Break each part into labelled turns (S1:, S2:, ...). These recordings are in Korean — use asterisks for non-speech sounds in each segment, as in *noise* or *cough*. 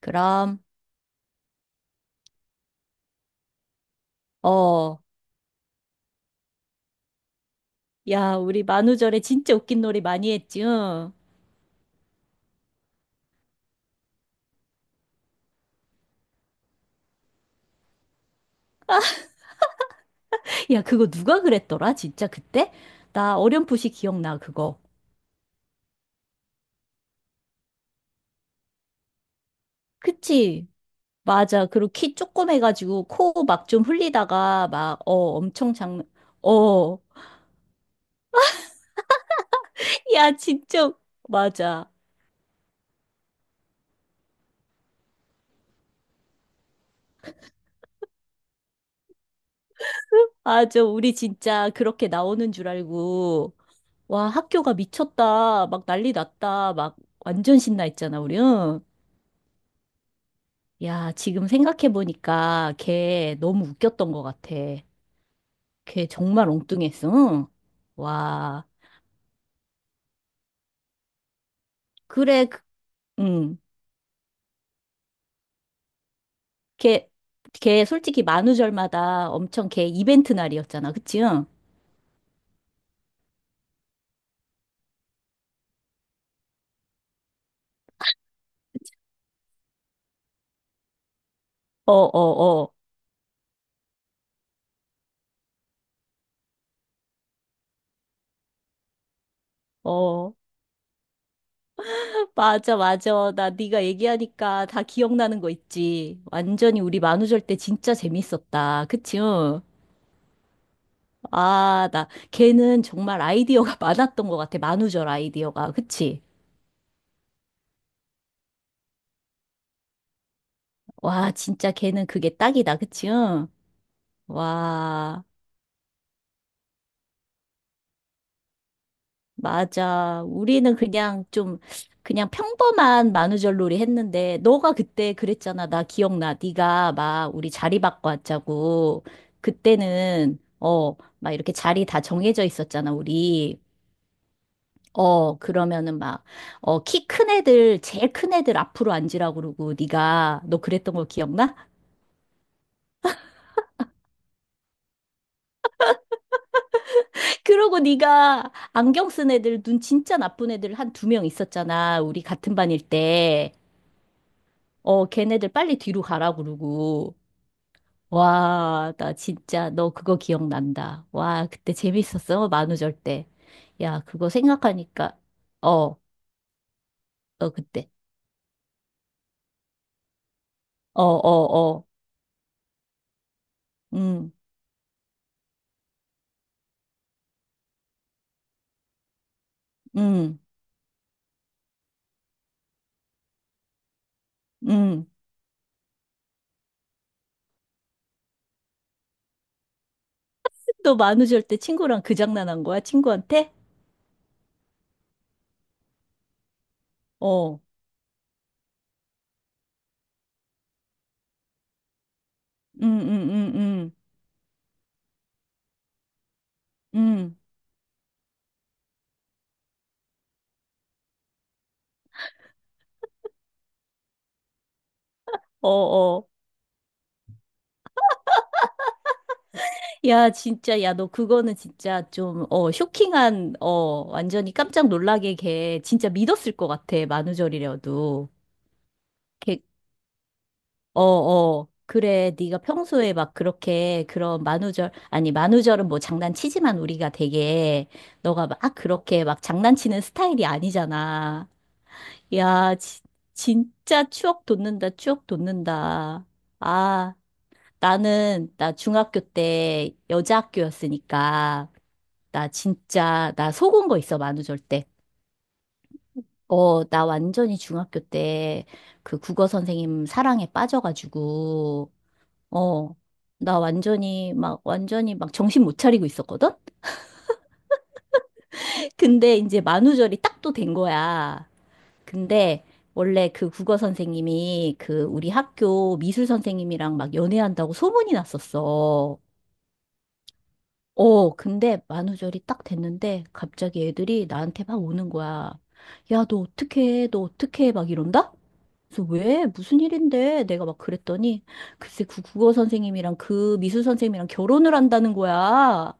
S1: 그럼, 어, 야, 우리 만우절에 진짜 웃긴 놀이 많이 했지, 응? 야, 그거 누가 그랬더라, 진짜 그때? 나 어렴풋이 기억나, 그거. 그치? 맞아. 그리고 키 조금 해가지고 코 막 좀 흘리다가 막, 어, 어. *laughs* 야, 진짜, 맞아. 아, 저, 우리 진짜 그렇게 나오는 줄 알고, 와, 학교가 미쳤다. 막 난리 났다. 막 완전 신나 했잖아, 우리, 응? 야, 지금 생각해보니까 걔 너무 웃겼던 것 같아. 걔 정말 엉뚱했어. 응? 와, 그래, 그- 응. 걔, 걔 솔직히 만우절마다 엄청 걔 이벤트 날이었잖아. 그치? 응? 어, 어, 어, 어. *laughs* 맞아, 맞아. 나 네가 얘기하니까 다 기억나는 거 있지. 완전히 우리 만우절 때 진짜 재밌었다. 그치? 응? 아, 나, 걔는 정말 아이디어가 *laughs* 많았던 것 같아. 만우절 아이디어가. 그치? 와, 진짜 걔는 그게 딱이다, 그치? 응? 와, 맞아. 우리는 그냥 좀, 그냥 평범한 만우절놀이 했는데, 너가 그때 그랬잖아. 나 기억나. 네가 막 우리 자리 바꿔 왔자고. 그때는, 어, 막 이렇게 자리 다 정해져 있었잖아, 우리. 어, 그러면은 막, 어, 키 큰 애들, 제일 큰 애들 앞으로 앉으라고 그러고, 네가, 너 그랬던 거 기억나? 그러고 네가 안경 쓴 애들 눈 진짜 나쁜 애들 한 두 명 있었잖아. 우리 같은 반일 때. 어, 걔네들 빨리 뒤로 가라 그러고. 와, 나 진짜 너 그거 기억난다. 와, 그때 재밌었어. 만우절 때. 야, 그거 생각하니까 어, 너 그때. 어, 어, 어. 응 응 응. 너 만우절 때 친구랑 그 장난한 거야? 친구한테? 어. 응 응 응 응 응 어, 어. 야, 진짜, 야, 너 그거는 진짜 좀, 어, 쇼킹한, 어, 완전히 깜짝 놀라게 걔 진짜 믿었을 것 같아, 만우절이라도. 걔, 어, 어, 그래, 네가 평소에 막 그렇게 그런 만우절, 아니, 만우절은 뭐 장난치지만 우리가 되게, 너가 막 그렇게 막 장난치는 스타일이 아니잖아. 야, 지- 진짜 추억 돋는다, 추억 돋는다. 아. 나는, 나 중학교 때 여자 학교였으니까, 나 진짜, 나 속은 거 있어, 만우절 때. 어, 나 완전히 중학교 때 그 국어 선생님 사랑에 빠져가지고, 어, 나 완전히 막, 완전히 막 정신 못 차리고 있었거든? 근데 이제 만우절이 딱 또 된 거야. 근데 원래 그 국어 선생님이 그 우리 학교 미술 선생님이랑 막 연애한다고 소문이 났었어. 어, 근데 만우절이 딱 됐는데 갑자기 애들이 나한테 막 오는 거야. 야, 너 어떻게 해? 너 어떻게 해? 막 이런다? 그래서 왜? 무슨 일인데? 내가 막 그랬더니 글쎄 그 국어 선생님이랑 그 미술 선생님이랑 결혼을 한다는 거야.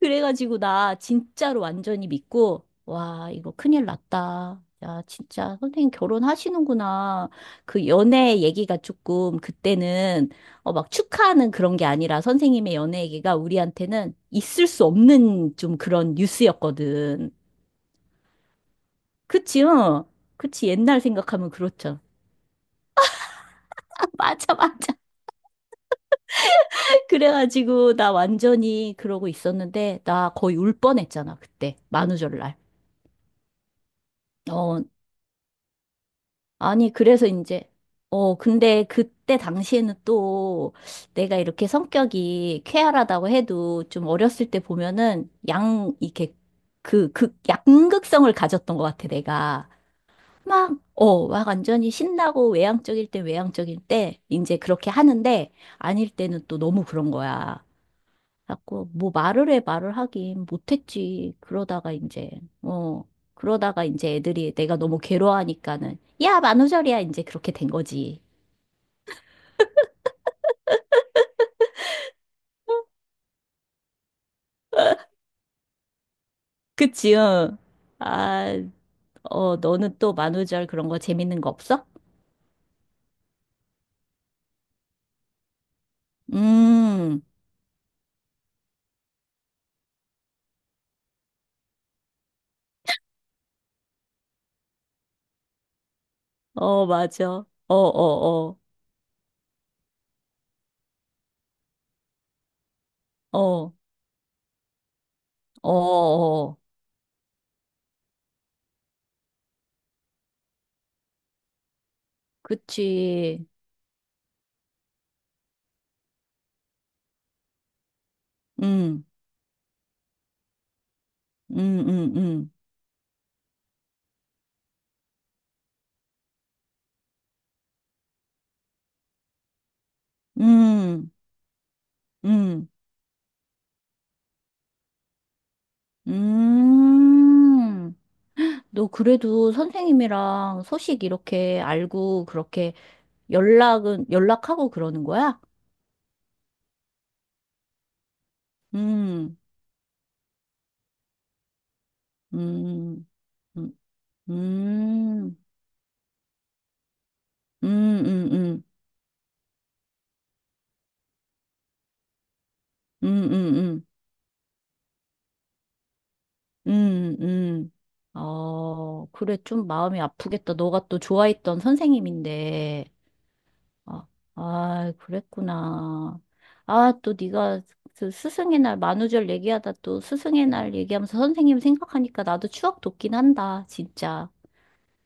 S1: 그래가지고 나 진짜로 완전히 믿고, 와, 이거 큰일 났다. 야, 진짜 선생님 결혼하시는구나. 그 연애 얘기가 조금 그때는 어, 막 축하하는 그런 게 아니라 선생님의 연애 얘기가 우리한테는 있을 수 없는 좀 그런 뉴스였거든. 그치, 어? 그치, 옛날 생각하면 그렇죠. *laughs* 아, 맞아, 맞아. *laughs* 그래가지고 나 완전히 그러고 있었는데, 나 거의 울 뻔했잖아, 그때. 만우절날. 어, 아니, 그래서 이제, 어, 근데 그때 당시에는 또 내가 이렇게 성격이 쾌활하다고 해도 좀 어렸을 때 보면은 양, 이렇게 그, 극, 양극성을 가졌던 것 같아, 내가. 막, 어, 막 완전히 신나고 외향적일 때 이제 그렇게 하는데 아닐 때는 또 너무 그런 거야. 자꾸 뭐 말을 하긴 못했지. 그러다가 이제 어 그러다가 이제 애들이 내가 너무 괴로워하니까는 야 만우절이야 이제 그렇게 된 거지. 그치? 응. 아, 어 너는 또 만우절 그런 거 재밌는 거 없어? 음, 어 맞아. 어, 어, 어, 어, 어, 어. 어. 그치. 음, 음, 음, 음, 음, 음, 음. 너 그래도 선생님이랑 소식 이렇게 알고 그렇게 연락하고 그러는 거야? 음, 음, 음, 음, 음, 음, 음, 음, 음, 음. 어, 그래, 좀 마음이 아프겠다. 너가 또 좋아했던 선생님인데. 아, 아, 그랬구나. 아, 또 네가 그 스승의 날 만우절 얘기하다 또 스승의 날 얘기하면서 선생님 생각하니까 나도 추억 돋긴 한다, 진짜.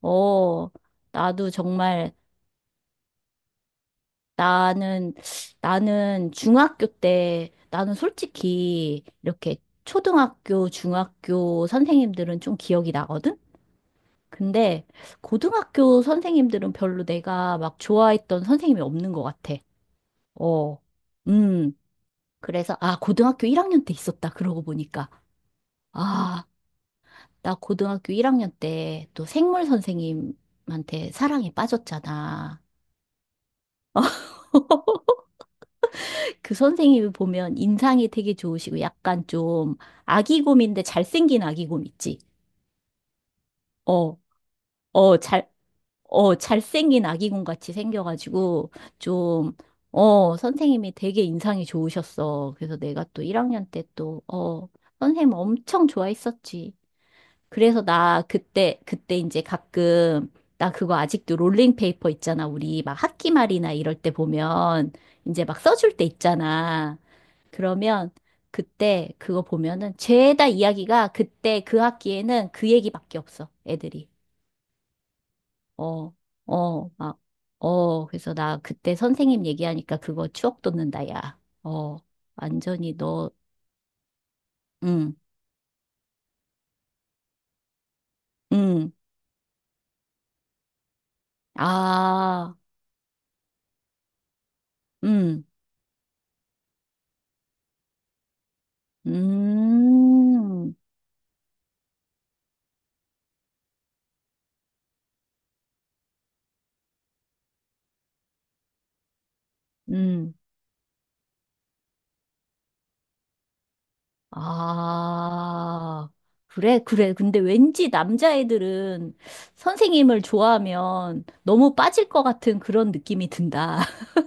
S1: 어, 나도 정말, 나는, 나는 중학교 때, 나는 솔직히 이렇게 초등학교, 중학교 선생님들은 좀 기억이 나거든? 근데 고등학교 선생님들은 별로 내가 막 좋아했던 선생님이 없는 것 같아. 어, 음. 그래서, 아, 고등학교 1학년 때 있었다. 그러고 보니까. 아, 나 고등학교 1학년 때 또 생물 선생님한테 사랑에 빠졌잖아. 그 선생님을 보면 인상이 되게 좋으시고 약간 좀 아기곰인데 잘생긴 아기곰 있지? 어, 어, 잘, 어, 잘생긴 아기곰 같이 생겨가지고 좀, 어, 선생님이 되게 인상이 좋으셨어. 그래서 내가 또 1학년 때 또, 어, 선생님 엄청 좋아했었지. 그래서 나 그때, 그때 이제 가끔 나 그거 아직도 롤링페이퍼 있잖아. 우리 막 학기 말이나 이럴 때 보면 이제 막 써줄 때 있잖아. 그러면 그때 그거 보면은 죄다 이야기가 그때 그 학기에는 그 얘기밖에 없어. 애들이. 어, 어, 막, 어. 그래서 나 그때 선생님 얘기하니까 그거 추억 돋는다, 야. 어, 완전히 너, 응, 응, 아, 응, 음, 음, 아, 그래, 그래. 근데 왠지 남자애들은 선생님을 좋아하면 너무 빠질 것 같은 그런 느낌이 든다. *laughs*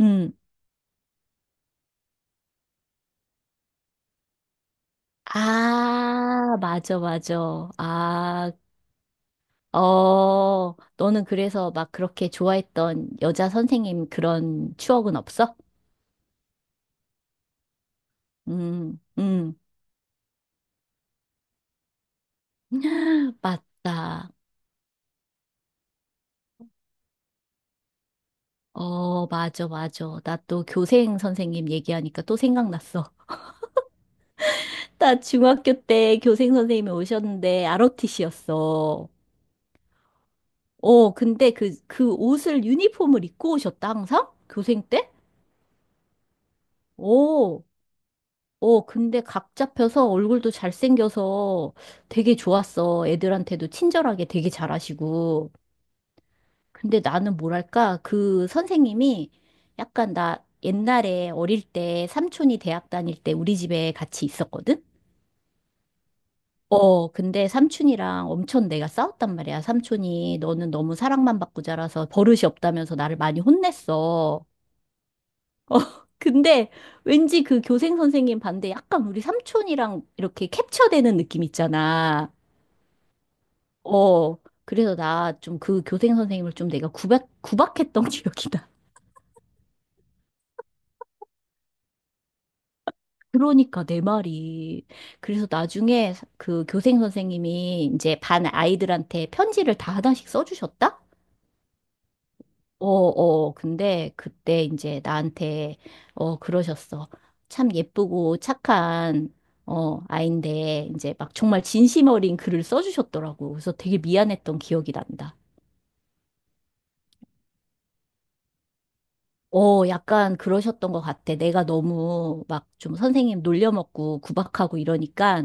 S1: 음. 아, 맞아, 맞아. 아, 어, 너는 그래서 막 그렇게 좋아했던 여자 선생님 그런 추억은 없어? 음, 음. *gasps* *laughs* 맞다. 어, 맞아, 맞아. 나 또 교생 선생님 얘기하니까 또 생각났어. 나 중학교 때 교생 선생님이 오셨는데 ROTC였어. 어, 근데 유니폼을 입고 오셨다, 항상? 교생 때? 어, 어, 근데 각 잡혀서 얼굴도 잘생겨서 되게 좋았어. 애들한테도 친절하게 되게 잘하시고. 근데 나는 뭐랄까, 그 선생님이 약간 나 옛날에 어릴 때 삼촌이 대학 다닐 때 우리 집에 같이 있었거든? 어, 근데 삼촌이랑 엄청 내가 싸웠단 말이야. 삼촌이 너는 너무 사랑만 받고 자라서 버릇이 없다면서 나를 많이 혼냈어. *laughs* 어, 근데 왠지 그 교생 선생님 반대 약간 우리 삼촌이랑 이렇게 캡처되는 느낌 있잖아. 어, 그래서 나 좀 그 교생 선생님을 좀 내가 구박했던 *laughs* 기억이 나. 그러니까 내 말이. 그래서 나중에 그 교생 선생님이 이제 반 아이들한테 편지를 다 하나씩 써주셨다? 어, 어, 근데 그때 이제 나한테, 어, 그러셨어. 참 예쁘고 착한, 어, 아인데, 이제 막 정말 진심 어린 글을 써주셨더라고. 그래서 되게 미안했던 기억이 난다. 어, 약간 그러셨던 것 같아. 내가 너무 막 좀 선생님 놀려먹고 구박하고 이러니까,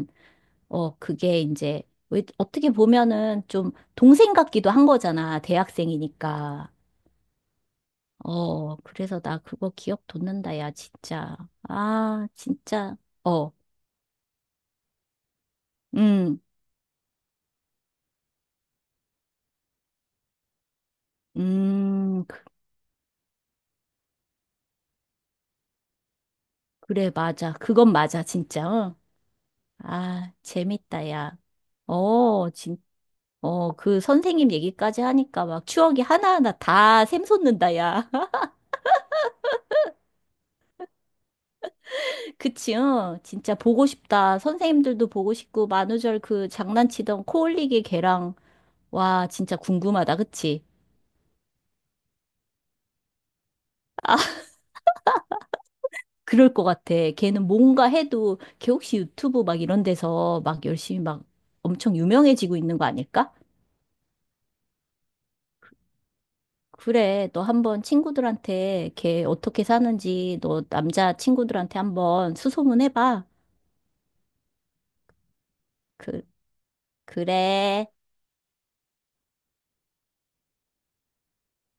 S1: 어, 그게 이제, 왜, 어떻게 보면은 좀 동생 같기도 한 거잖아. 대학생이니까. 어, 그래서 나 그거 기억 돋는다, 야, 진짜. 아, 진짜. 어, 음, 음, 그, 그래, 맞아. 그건 맞아, 진짜. 어. 아, 재밌다, 야. 어, 어, 그 선생님 얘기까지 하니까 막 추억이 하나하나 다 샘솟는다, 야. *laughs* 그치, 어? 진짜 보고 싶다. 선생님들도 보고 싶고, 만우절 그 장난치던 코 올리기 걔랑, 와, 진짜 궁금하다, 그치? 그럴 것 같아. 걔는 뭔가 해도 걔 혹시 유튜브 막 이런 데서 막 열심히 막 엄청 유명해지고 있는 거 아닐까? 그래, 너 한번 친구들한테 걔 어떻게 사는지 너 남자 친구들한테 한번 수소문 해봐. 그, 그래.